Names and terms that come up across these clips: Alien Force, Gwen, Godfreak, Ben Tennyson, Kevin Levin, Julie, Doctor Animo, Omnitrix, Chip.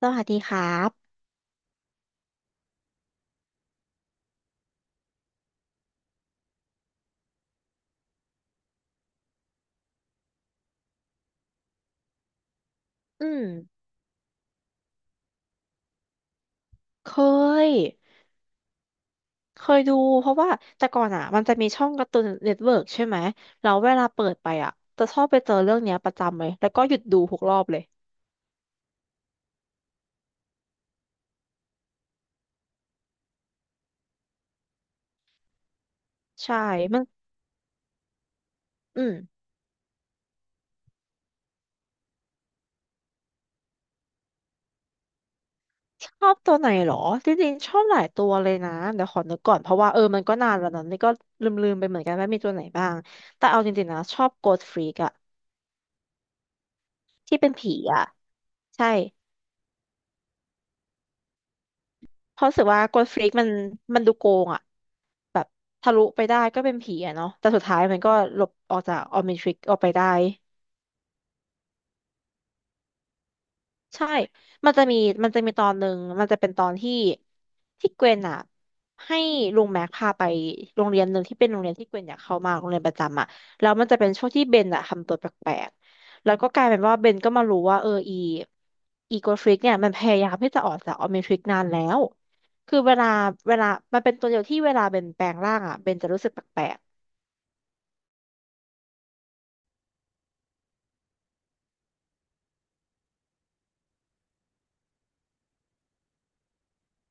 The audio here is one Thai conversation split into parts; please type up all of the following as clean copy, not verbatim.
สวัสดีครับอืมเคยเคยดูเพราะว่าแต่ก่อนอ่ะมันจะมีช่องการ์ตูนเน็ตเวิร์กใช่ไหมแล้วเวลาเปิดไปอ่ะจะชอบไปเจอเรื่องเนี้ยประจำเลยแล้วก็หยุดดูทุกรอบเลยใช่มันอืมชอบตัวไหนเหรอจริงๆชอบหลายตัวเลยนะเดี๋ยวขอนึกก่อน เพราะว่ามันก็นานแล้วนะนี่ก็ลืมๆไปเหมือนกันว่ามีตัวไหนบ้าง แต่เอาจริงๆนะชอบโกดฟรีกอะที่เป็นผีอะใช่เพราะรู้สึกว่าโกดฟรีกมันดูโกงอะ แบบทะลุไปได้ก็เป็นผีอะเนาะแต่สุดท้ายมันก็หลบออกจากออมนิทริกออกไปได้ใช่มันจะมีมันจะมีตอนหนึ่งมันจะเป็นตอนที่เกวนอะให้ลุงแม็กพาไปโรงเรียนหนึ่งที่เป็นโรงเรียนที่เกวนอยากเข้ามากโรงเรียนประจำอะแล้วมันจะเป็นช่วงที่เบนอะทำตัวแปลกๆแล้วก็กลายเป็นว่าเบนก็มารู้ว่าอีโกทริกเนี่ยมันพยายามที่จะออกจากออมนิทริกนานแล้วคือเวลามันเป็นตัวเดียวที่เวลาเบนแปลงร่างอะเบนจะรู้สึกแปลกๆ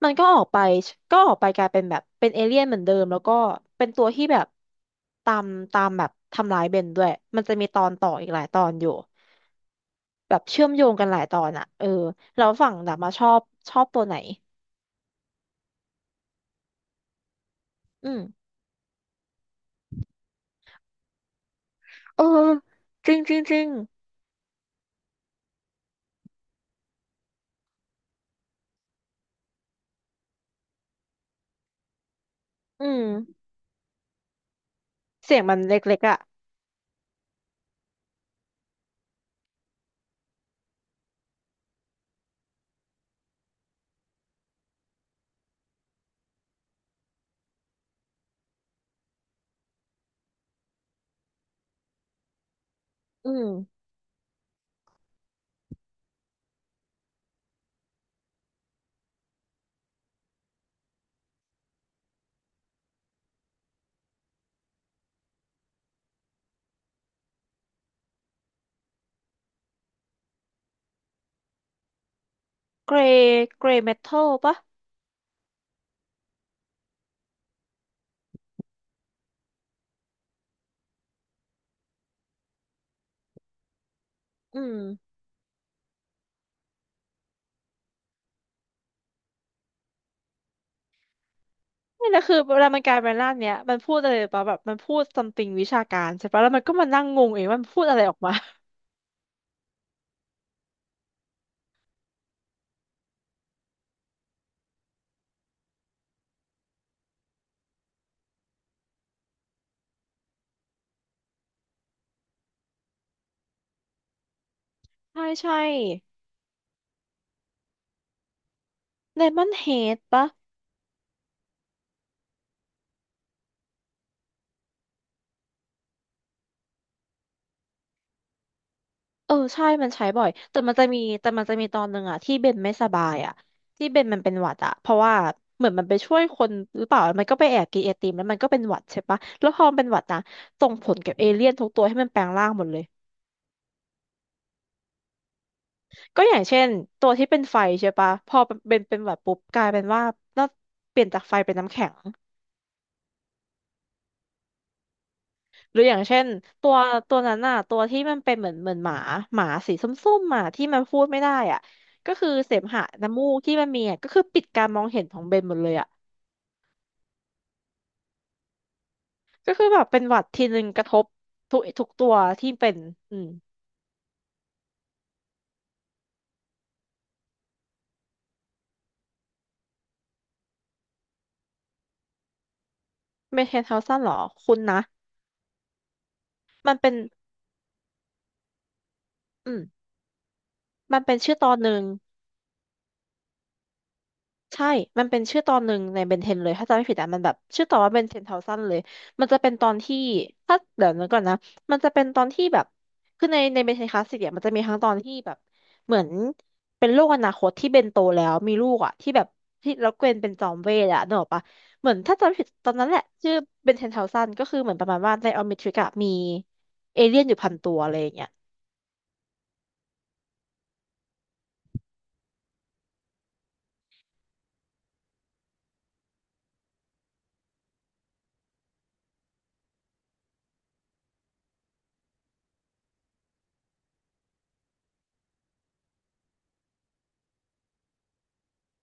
มันก็ออกไปก็ออกไปกลายเป็นแบบเป็นเอเลี่ยนเหมือนเดิมแล้วก็เป็นตัวที่แบบตามตามแบบทำร้ายเบนด้วยมันจะมีตอนต่ออีกหลายตอนอยู่แบบเชื่อมโยงกันหลายตอนอ่ะแล้วฝั่งดาบมาชอบตัวไหนอืมเออจริงจริงจริงอืมเสียงมันเล็กๆอ่ะอืมเกรย์เกรย์เมทัลปะอืมนี่แหละคือเวลามันกลายเป็นร่างเนี้ยมันพูดอะไรปะแบบมันพูด something วิชาการใช่ปะแล้วมันก็มานั่งงงเองว่ามันพูดอะไรออกมาใช่ใช่ เลมอนเฮดปะใช่มันใช้บ่อยแต่มันจะมีตอนหนึ่งอะที่เบนไม่สบายอะที่เบนมันเป็นหวัดอะเพราะว่าเหมือนมันไปช่วยคนหรือเปล่ามันก็ไปแอบกินไอติมแล้วมันก็เป็นหวัดใช่ปะแล้วพอมันเป็นหวัดนะส่งผลกับเอเลี่ยนทุกตัวให้มันแปลงร่างหมดเลยก็อย่างเช่นตัวที่เป็นไฟใช่ปะพอเป็นหวัดปุ๊บกลายเป็นว่าน่าเปลี่ยนจากไฟเป็นน้ำแข็ง หรืออย่างเช่นตัวตัวนั้นน่ะตัวที่มันเป็นเหมือนหมาหมาสีส้มๆอ่ะที่มันพูดไม่ได้อ่ะก็คือเสมหะน้ำมูกที่มันมีอ่ะก็คือปิดการมองเห็นของเบนหมดเลยอ่ะก็คือแบบเป็นหวัดทีนึงกระทบทุกตัวที่เป็นอืมเมนเทนเฮาซันเหรอคุณนะมันเป็นอืมมันเป็นชื่อตอนหนึ่ง ใช่ มันเป็นชื่อตอนหนึ่งในเบนเทนเลยถ้าจำไม่ผิดอะมันแบบชื่อตอนว่าเบนเทนเทาซันเลยมันจะเป็นตอนที่ถ้าเดี๋ยวนึกก่อนนะมันจะเป็นตอนที่แบบคือในเบนเทนคลาสสิกเนี่ยมันจะมีทั้งตอนที่แบบเหมือนเป็นโลกอนาคตที่เบนโตแล้วมีลูกอะที่แบบแล้วเกวนเป็นจอมเวทอะนึกออกปะเหมือนถ้าจำไม่ผิดตอนนั้นแหละชื่อเบนเทนเทาซันก็คือเหมือนประมาณว่าในออมนิทริกอะมีเอเลี่ยนอยู่พันตัวอะไรอย่างเงี้ย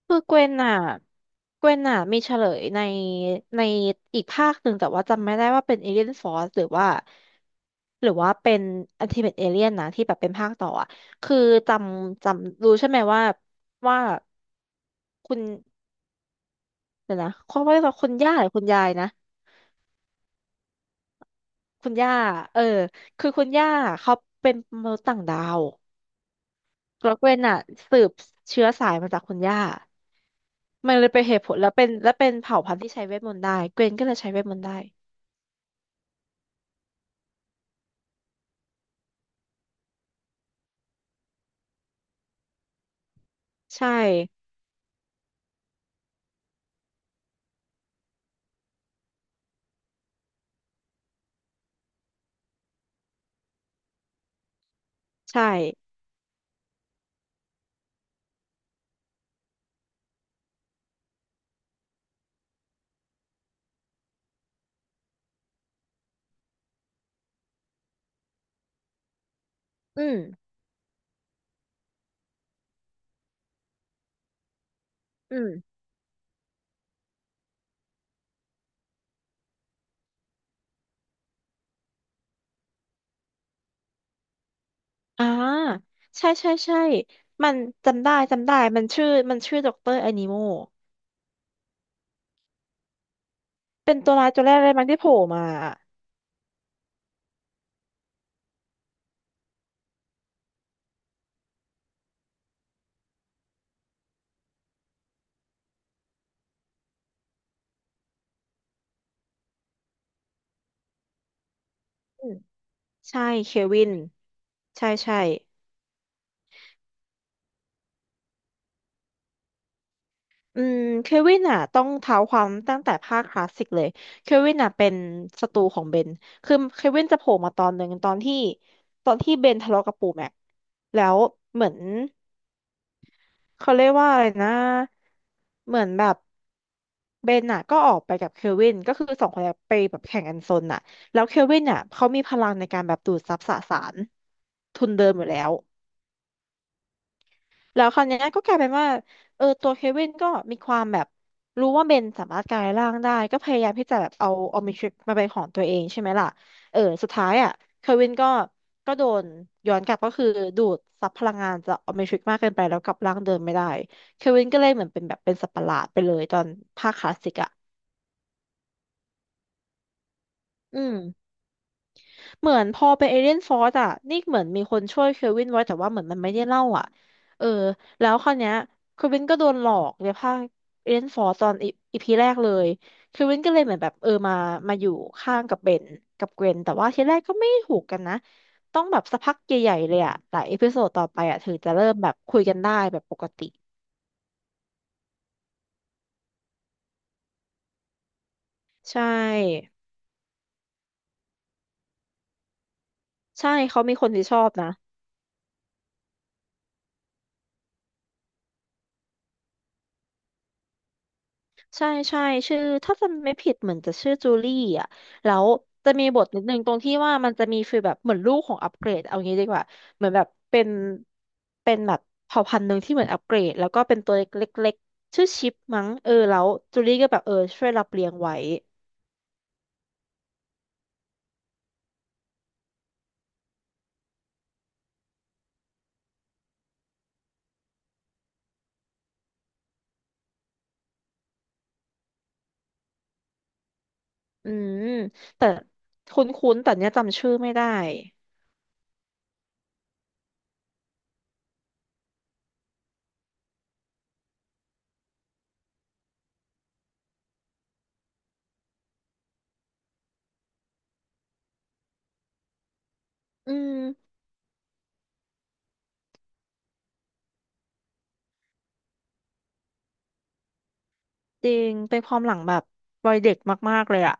คือเกวนอ่ะมีเฉลยในอีกภาคหนึ่งแต่ว่าจำไม่ได้ว่าเป็นเอเลียนฟอร์สหรือว่าเป็นอันติเมทเอเลียนนะที่แบบเป็นภาคต่ออ่ะคือจจำรู้ใช่ไหมว่าคุณเดี๋ยวนะเขาเรียกว่าคุณย่าหรือคุณยายนะคุณย่าเออคือคุณย่าเขาเป็นมนุษย์ต่างดาวแล้วเกวนอ่ะสืบเชื้อสายมาจากคุณย่ามันเลยเป็นเหตุผลแล้วเป็นและเป็นเผ่าพันธุ์ที่ใช้เวทมนต์ได้เกวนก็เลยใช้เวทมนต์ได้ ใช่ใช่ อืมอืม อ่าใช่ใช่ใช่ มันจำได้จำได้ มันชื่อ มันชื่อด็อกเตอร์อนิโมเป็นตัวร้ายตัวแรกเลยมั้งที่โผล่มาอะอืมใช่เควินใช่ใช่ อืมเควินอ่ะต้องเท้าความตั้งแต่ภาคคลาสสิกเลยเควินอ่ะเป็นศัตรูของเบนคือเควินจะโผล่มาตอนหนึ่งตอนที่ตอนที่เบนทะเลาะกับปู่แม็กแล้วเหมือน เขาเรียกว่าอะไรนะ เหมือนแบบเบนน่ะก็ออกไปกับเคลวินก็คือสองคนเนี้ยไปแบบแข่งกันซนน่ะแล้วเคลวินน่ะเขามีพลังในการแบบดูดซับสสารทุนเดิมอยู่แล้ว แล้วคราวเนี้ยก็กลายเป็นว่าตัวเควินก็มีความแบบรู้ว่าเบนสามารถกลายร่างได้ก็พยายามที่จะแบบเอาออมนิทริกมาเป็นของตัวเองใช่ไหมล่ะสุดท้ายอ่ะเควินก็ก็โดนย้อนกลับก็คือดูดซับพลังงานจากออมนิทริกมากเกินไปแล้วกลับร่างเดิมไม่ได้เควินก็เลยเหมือนเป็นแบบเป็นสัตว์ประหลาดไปเลยตอนภาคคลาสสิกอ่ะอืม เหมือนพอเป็นเอเลียนฟอร์สอ่ะนี่เหมือนมีคนช่วยเควินไว้แต่ว่าเหมือนมันไม่ได้เล่าอ่ะเออแล้วคราวเนี้ยเควินก็โดนหลอกในภาคเอเลียนฟอร์สตอนอีพีแรกเลยเควินก็เลยเหมือนแบบมาอยู่ข้างกับเบนกับเกวนแต่ว่าทีแรกก็ไม่ถูกกันนะต้องแบบสักพักใหญ่ๆเลยอ่ะหลายเอพิโซดต่อไปอ่ะถึงจะเริ่มแบบคุยกันได้แบบปกติใช่ใช่เขามีคนที่ชอบนะ ใช่ใช่ชื่อถ้าจำไม่ผิดเหมือนจะชื่อจูลี่อ่ะแล้วจะมีบทนิดนึงตรงที่ว่ามันจะมีฟีลแบบเหมือนลูกของอัปเกรดเอางี้ดีกว่าเหมือนแบบเป็นแบบเผ่าพันธุ์หนึ่งที่เหมือนอัปเกรดแล้วก็เป็นตัวเล็กๆชื่อชิปมั้งแล้วจูลี่ก็แบบช่วยรับเลี้ยงไว้อืมแต่คุ้นๆแต่เนี้ยจำชื่อไม่ได้อืมจริงเป็นความหลังแบบวัยเด็กมากๆเลยอ่ะ